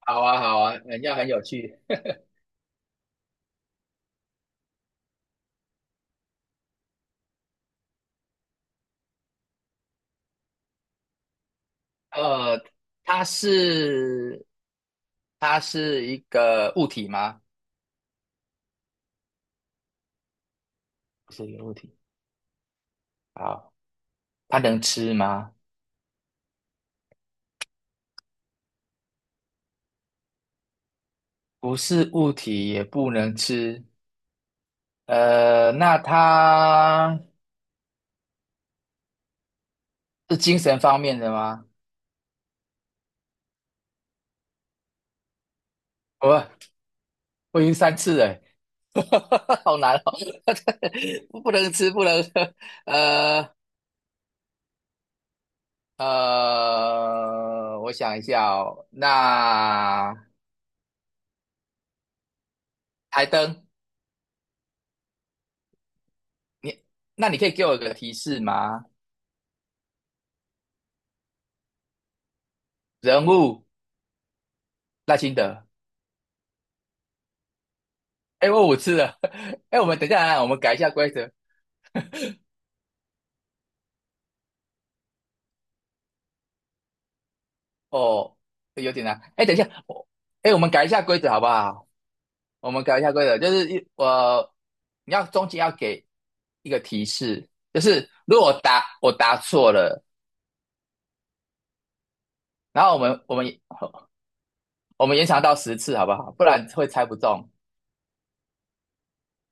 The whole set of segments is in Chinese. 好啊，好啊，人家很有趣。呃，它是它是一个物体吗？不是一个物体。好，它能吃吗？不是物体，也不能吃。那它是精神方面的吗？我我已经三次了欸。好难哦，不能吃，不能喝。呃我想一下哦，那台灯。你那你可以给我一个提示吗？人物赖清德，哎，我五次了。哎，我们等一下啊，我们改一下规则哦。有点难，哎，等一下，我，哎，我们改一下规则好不好？我们改一下规则，就是你要中间要给一个提示，就是如果我答错了，然后我们延长到十次好不好？不然会猜不中。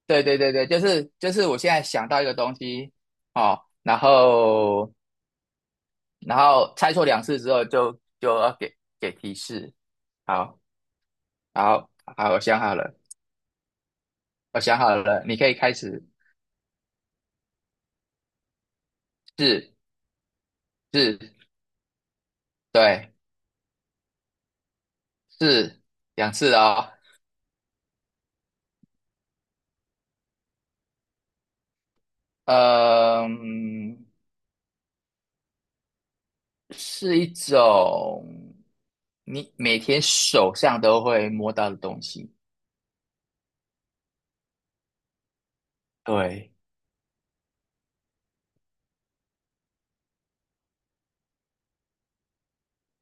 对对对对，就是我现在想到一个东西哦，然后然后猜错两次之后就要给提示。好，好，好，我想好了，我想好了，你可以开始。是，是，对，是两次哦。嗯，是一种你每天手上都会摸到的东西。对，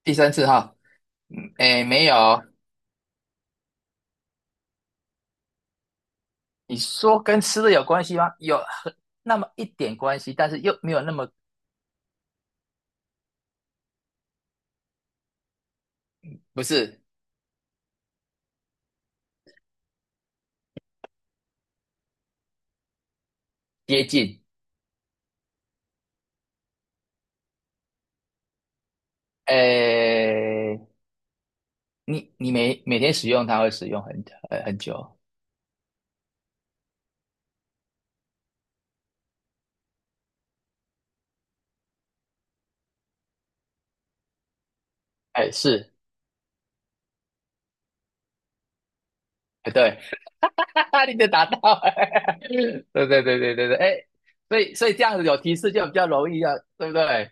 第三次哈，嗯，诶，没有，你说跟吃的有关系吗？有很那么一点关系，但是又没有那么，不是，接近。诶，你每天使用它会使用很很久，哎，是，哎，对。哈哈，你就达到了。对对对对对对，哎，所以这样子有提示就比较容易啊，对不对？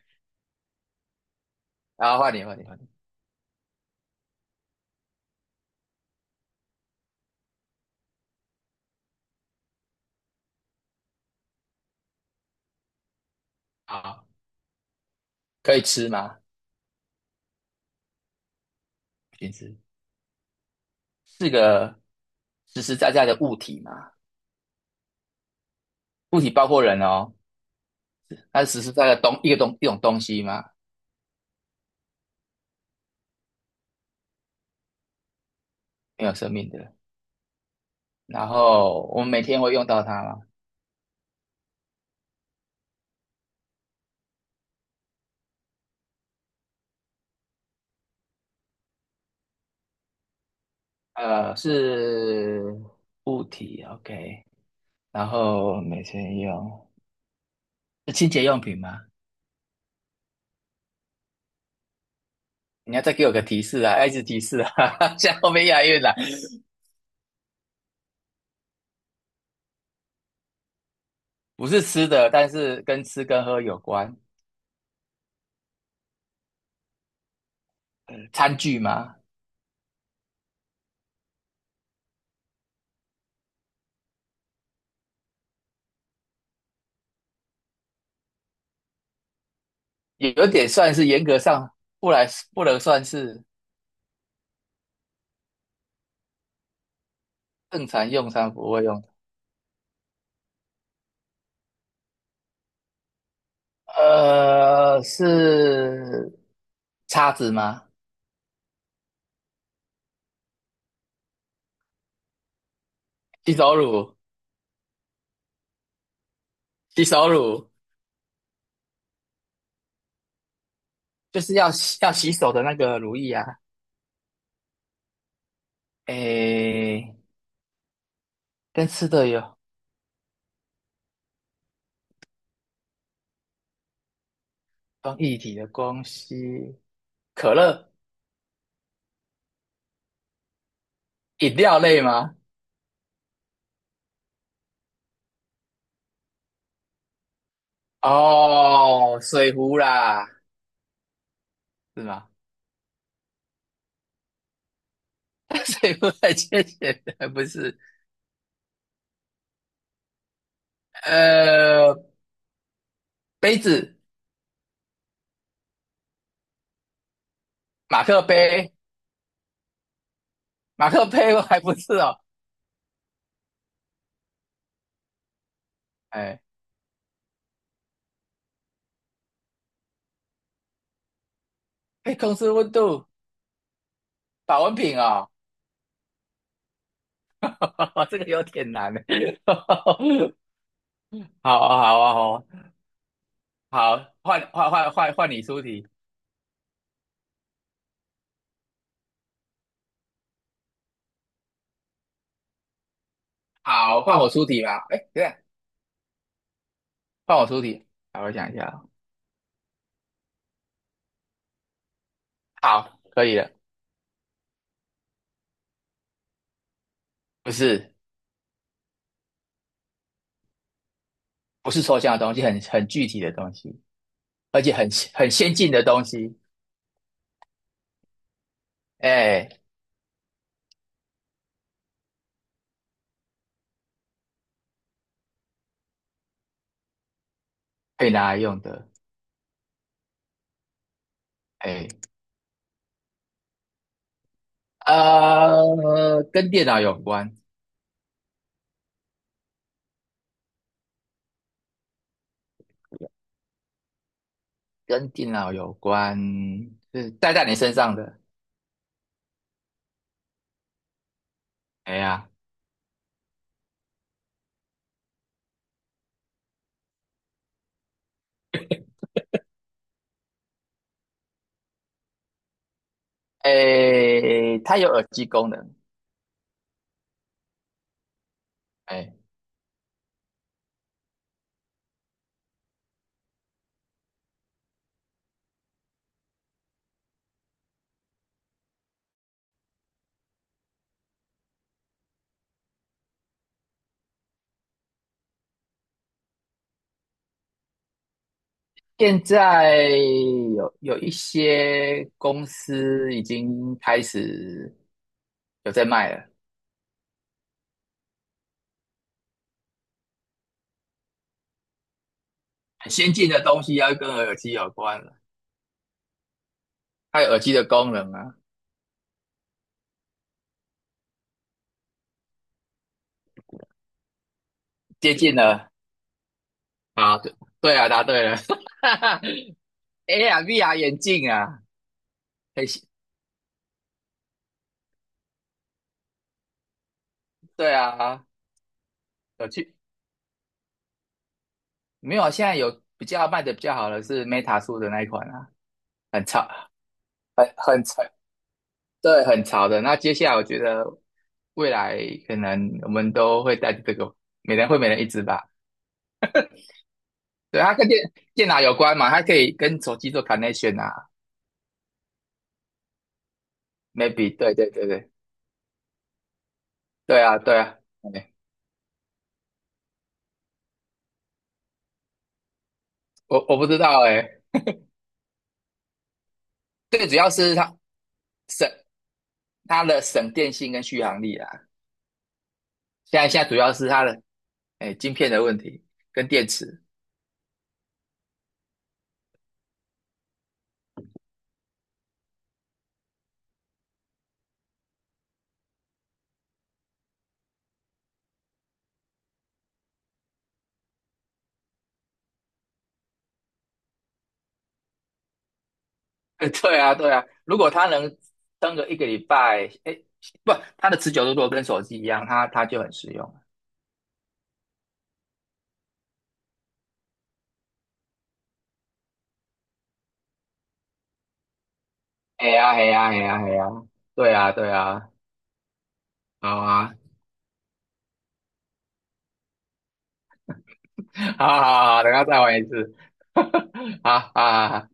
然后换你换你换你。好，可以吃吗？不行吃，是个实实在在的物体嘛，物体包括人哦，它是实实在在的东一个东一种东西嘛，没有生命的，然后我们每天会用到它嘛。呃，是物体，OK。然后每天用是清洁用品吗？你要再给我个提示啊，要一直提示啊。现在后面押韵了，不是吃的，但是跟吃跟喝有关，餐具吗？有有点算是严格上不来，不能算是，正常用餐不会用。呃，是叉子吗？洗手乳，洗手乳就是要洗洗手的那个乳液啊。诶，跟吃的有关一体的东西，可乐。饮料类吗？哦，水壶啦。是吗？水壶很浅显的，不是？呃，杯子，马克杯。马克杯我还不是哦。哎，哎，控制温度，保温瓶哦。这个有点难欸。好啊，好啊，好啊，好，换换换换换你出题。好，换我出题吧。哎，对啊，换我出题。好，我想一下哦。好，可以了。不是，不是抽象的东西，很具体的东西。而且很先进的东西。哎，可以拿来用的。哎，呃，跟电脑有关，跟电脑有关，是戴在你身上的。哎呀，哎，它有耳机功能。哎，现在有有一些公司已经开始有在卖了，很先进的东西要跟耳机有关了，它有耳机的功能啊。接近了，啊，对，对啊，答对了。哈哈。AR、VR 眼镜啊，很新对啊，有趣。没有啊？现在有比较卖的比较好的是 Meta 出的那一款啊，很潮，很潮，对，很潮的。那接下来我觉得未来可能我们都会带着这个，每人会每人一只吧。对，它跟电脑有关嘛，它可以跟手机做 connection 啊，maybe，对对对对，对啊对啊，哎，我我不知道哎、最主要是它省它的省电性跟续航力啊。现在现在主要是它的，哎，晶片的问题跟电池。对啊，对啊，如果它能撑个一个礼拜，哎，不，它的持久度如果跟手机一样，它就很实用。哎呀，哎呀，哎呀，哎呀，对啊，对啊，好啊。好好好，等下再玩一次。哈哈。好，